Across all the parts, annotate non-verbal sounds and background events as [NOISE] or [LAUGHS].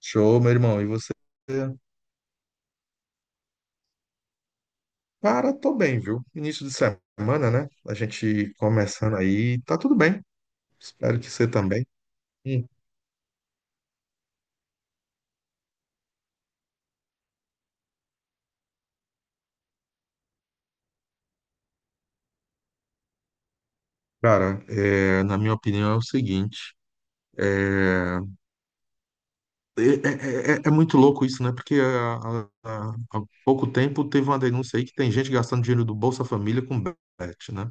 Show, meu irmão. E você? Cara, tô bem, viu? Início de semana, né? A gente começando aí, tá tudo bem. Espero que você também. Hum. Cara, é, na minha opinião é o seguinte, é, é muito louco isso, né? Porque há pouco tempo teve uma denúncia aí que tem gente gastando dinheiro do Bolsa Família com bet, né?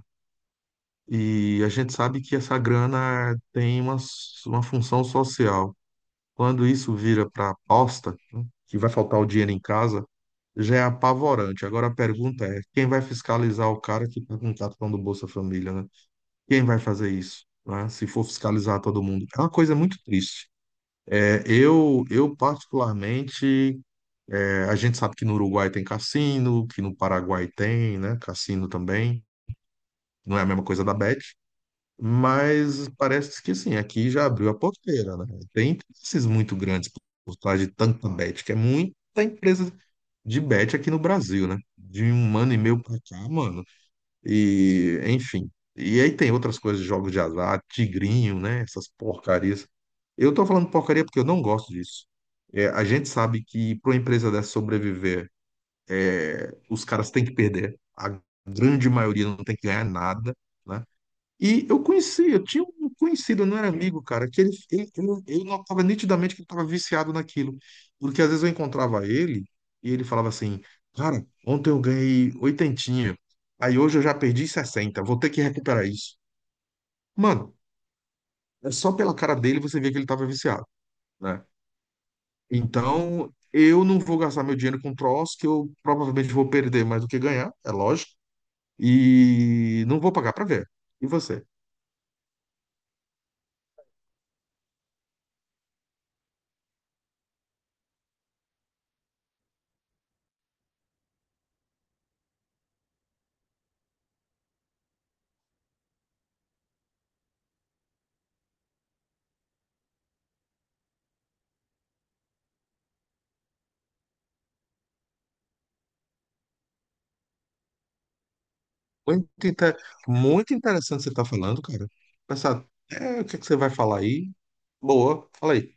E a gente sabe que essa grana tem uma função social. Quando isso vira para aposta, né, que vai faltar o dinheiro em casa, já é apavorante. Agora a pergunta é: quem vai fiscalizar o cara que está com cartão do Bolsa Família, né? Quem vai fazer isso? Né? Se for fiscalizar todo mundo. É uma coisa muito triste. É, eu particularmente, é, a gente sabe que no Uruguai tem cassino, que no Paraguai tem, né? Cassino também. Não é a mesma coisa da Bet. Mas parece que sim, aqui já abriu a porteira, né? Tem interesses muito grandes por trás de tanta bet, que é muita empresa de bet aqui no Brasil, né? De um ano e meio pra cá, mano. E enfim. E aí tem outras coisas, jogos de azar, tigrinho, né? Essas porcarias. Eu tô falando porcaria porque eu não gosto disso. É, a gente sabe que para uma empresa dessa sobreviver, os caras têm que perder. A grande maioria não tem que ganhar nada, né? E eu conheci, eu tinha um conhecido, eu não era amigo, cara, que eu notava nitidamente que ele estava viciado naquilo. Porque às vezes eu encontrava ele e ele falava assim: cara, ontem eu ganhei oitentinha, aí hoje eu já perdi 60, vou ter que recuperar isso. Mano, é só pela cara dele você vê que ele estava viciado, né? Então, eu não vou gastar meu dinheiro com troço que eu provavelmente vou perder mais do que ganhar, é lógico, e não vou pagar pra ver. E você? Muito, inter- Muito interessante você estar falando, cara. Pensar, é, o que é que você vai falar aí? Boa, fala aí.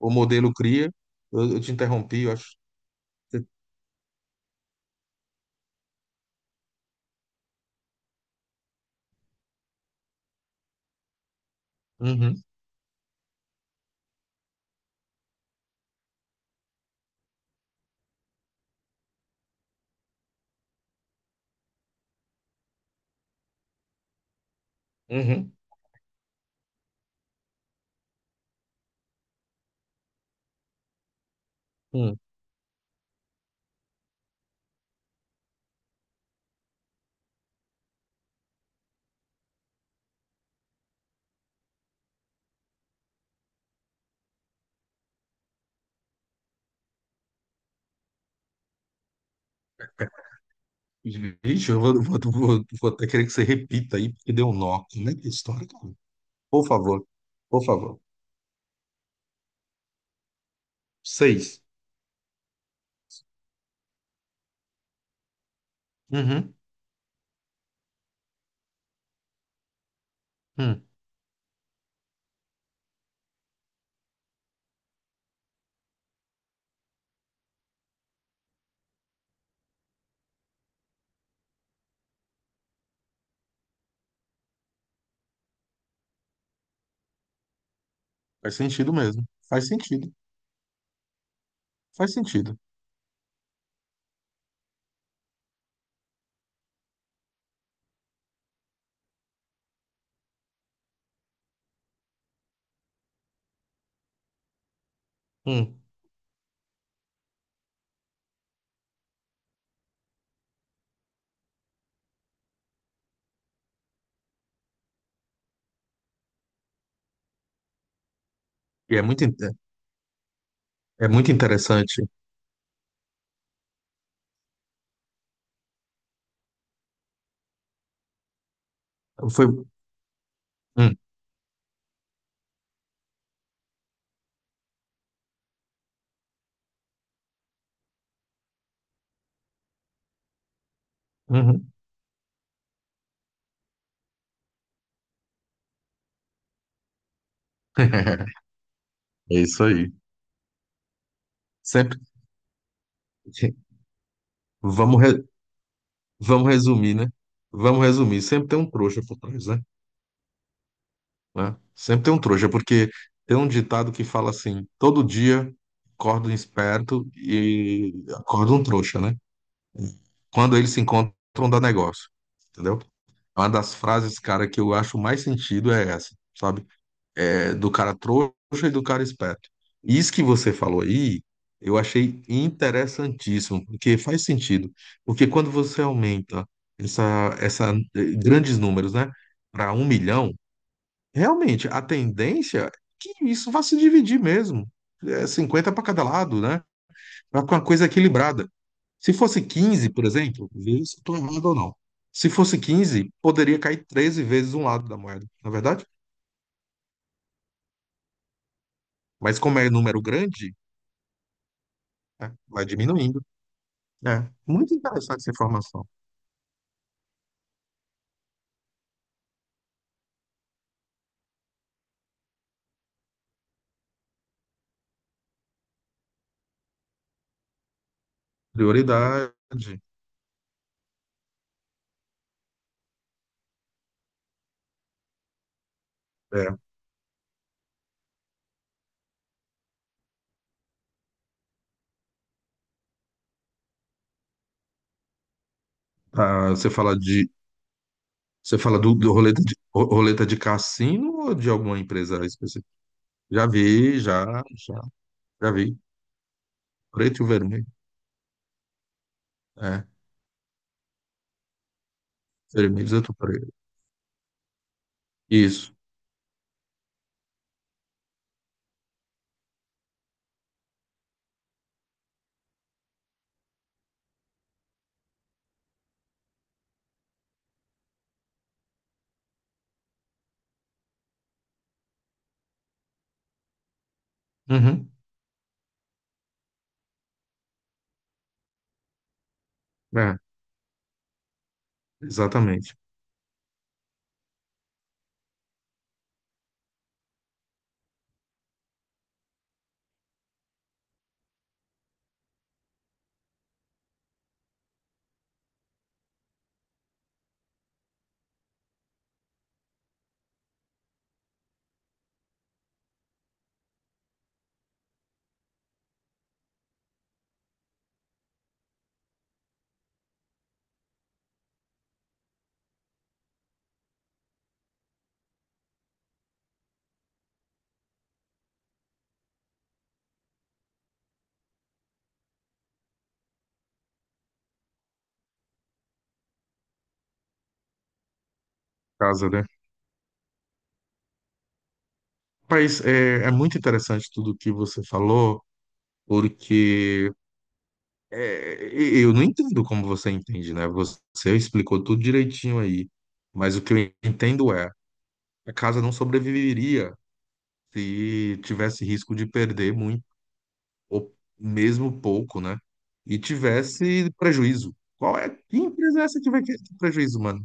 O modelo cria. Eu te interrompi, eu acho. Uhum, uhum, uhum. Vixe, eu vou até querer que você repita aí, porque deu um nó. Como é que é a história, cara? Por favor, por favor. Seis. Uhum, uhum. Faz sentido mesmo. Faz sentido. Faz sentido. Hum. E é muito interessante. Foi. Hum, uhum. [LAUGHS] É isso aí. Sempre Vamos, re- Vamos resumir, né? Vamos resumir. Sempre tem um trouxa por trás, né? Né? Sempre tem um trouxa, porque tem um ditado que fala assim: todo dia acorda um esperto e acorda um trouxa, né? Quando eles se encontram, dá negócio. Entendeu? É uma das frases, cara, que eu acho mais sentido é essa, sabe? É, do cara trouxa e do cara esperto. Isso que você falou aí, eu achei interessantíssimo, porque faz sentido. Porque quando você aumenta essa, grandes números, né, para 1 milhão, realmente a tendência é que isso vá se dividir mesmo. É 50 para cada lado, né? Vai com uma coisa equilibrada. Se fosse 15, por exemplo, veja se estou errado ou não. Se fosse 15, poderia cair 13 vezes um lado da moeda, na verdade? Mas como é número grande, né? Vai diminuindo. É. Muito interessante essa informação. Prioridade. É. Ah, você fala de. Você fala do roleta roleta de cassino ou de alguma empresa específica? Já vi, já, já, já vi. Preto e o vermelho. É. Vermelho, outro preto. Isso. Uhum. É, exatamente. Casa, né? Mas é muito interessante tudo que você falou, porque eu não entendo como você entende, né? Você explicou tudo direitinho aí, mas o que eu entendo é, a casa não sobreviveria se tivesse risco de perder muito, ou mesmo pouco, né? E tivesse prejuízo. Qual é? Que empresa é essa que vai ter prejuízo, mano?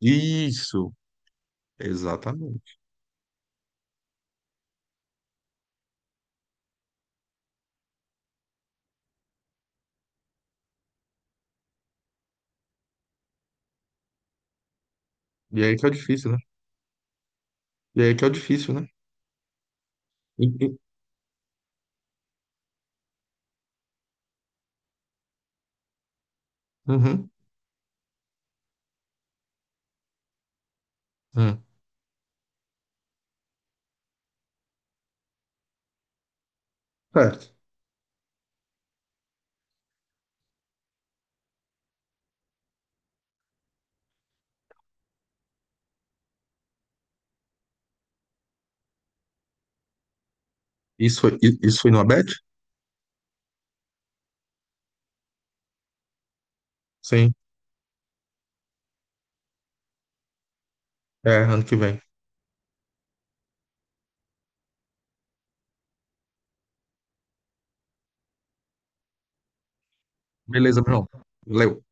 Isso, exatamente. E aí que é o difícil, né? E aí que é o difícil, né? E- e- Uhum, uhum. Certo. Isso, isso foi no Abet? Sim. É, ano que vem. Beleza, Bruno. Valeu.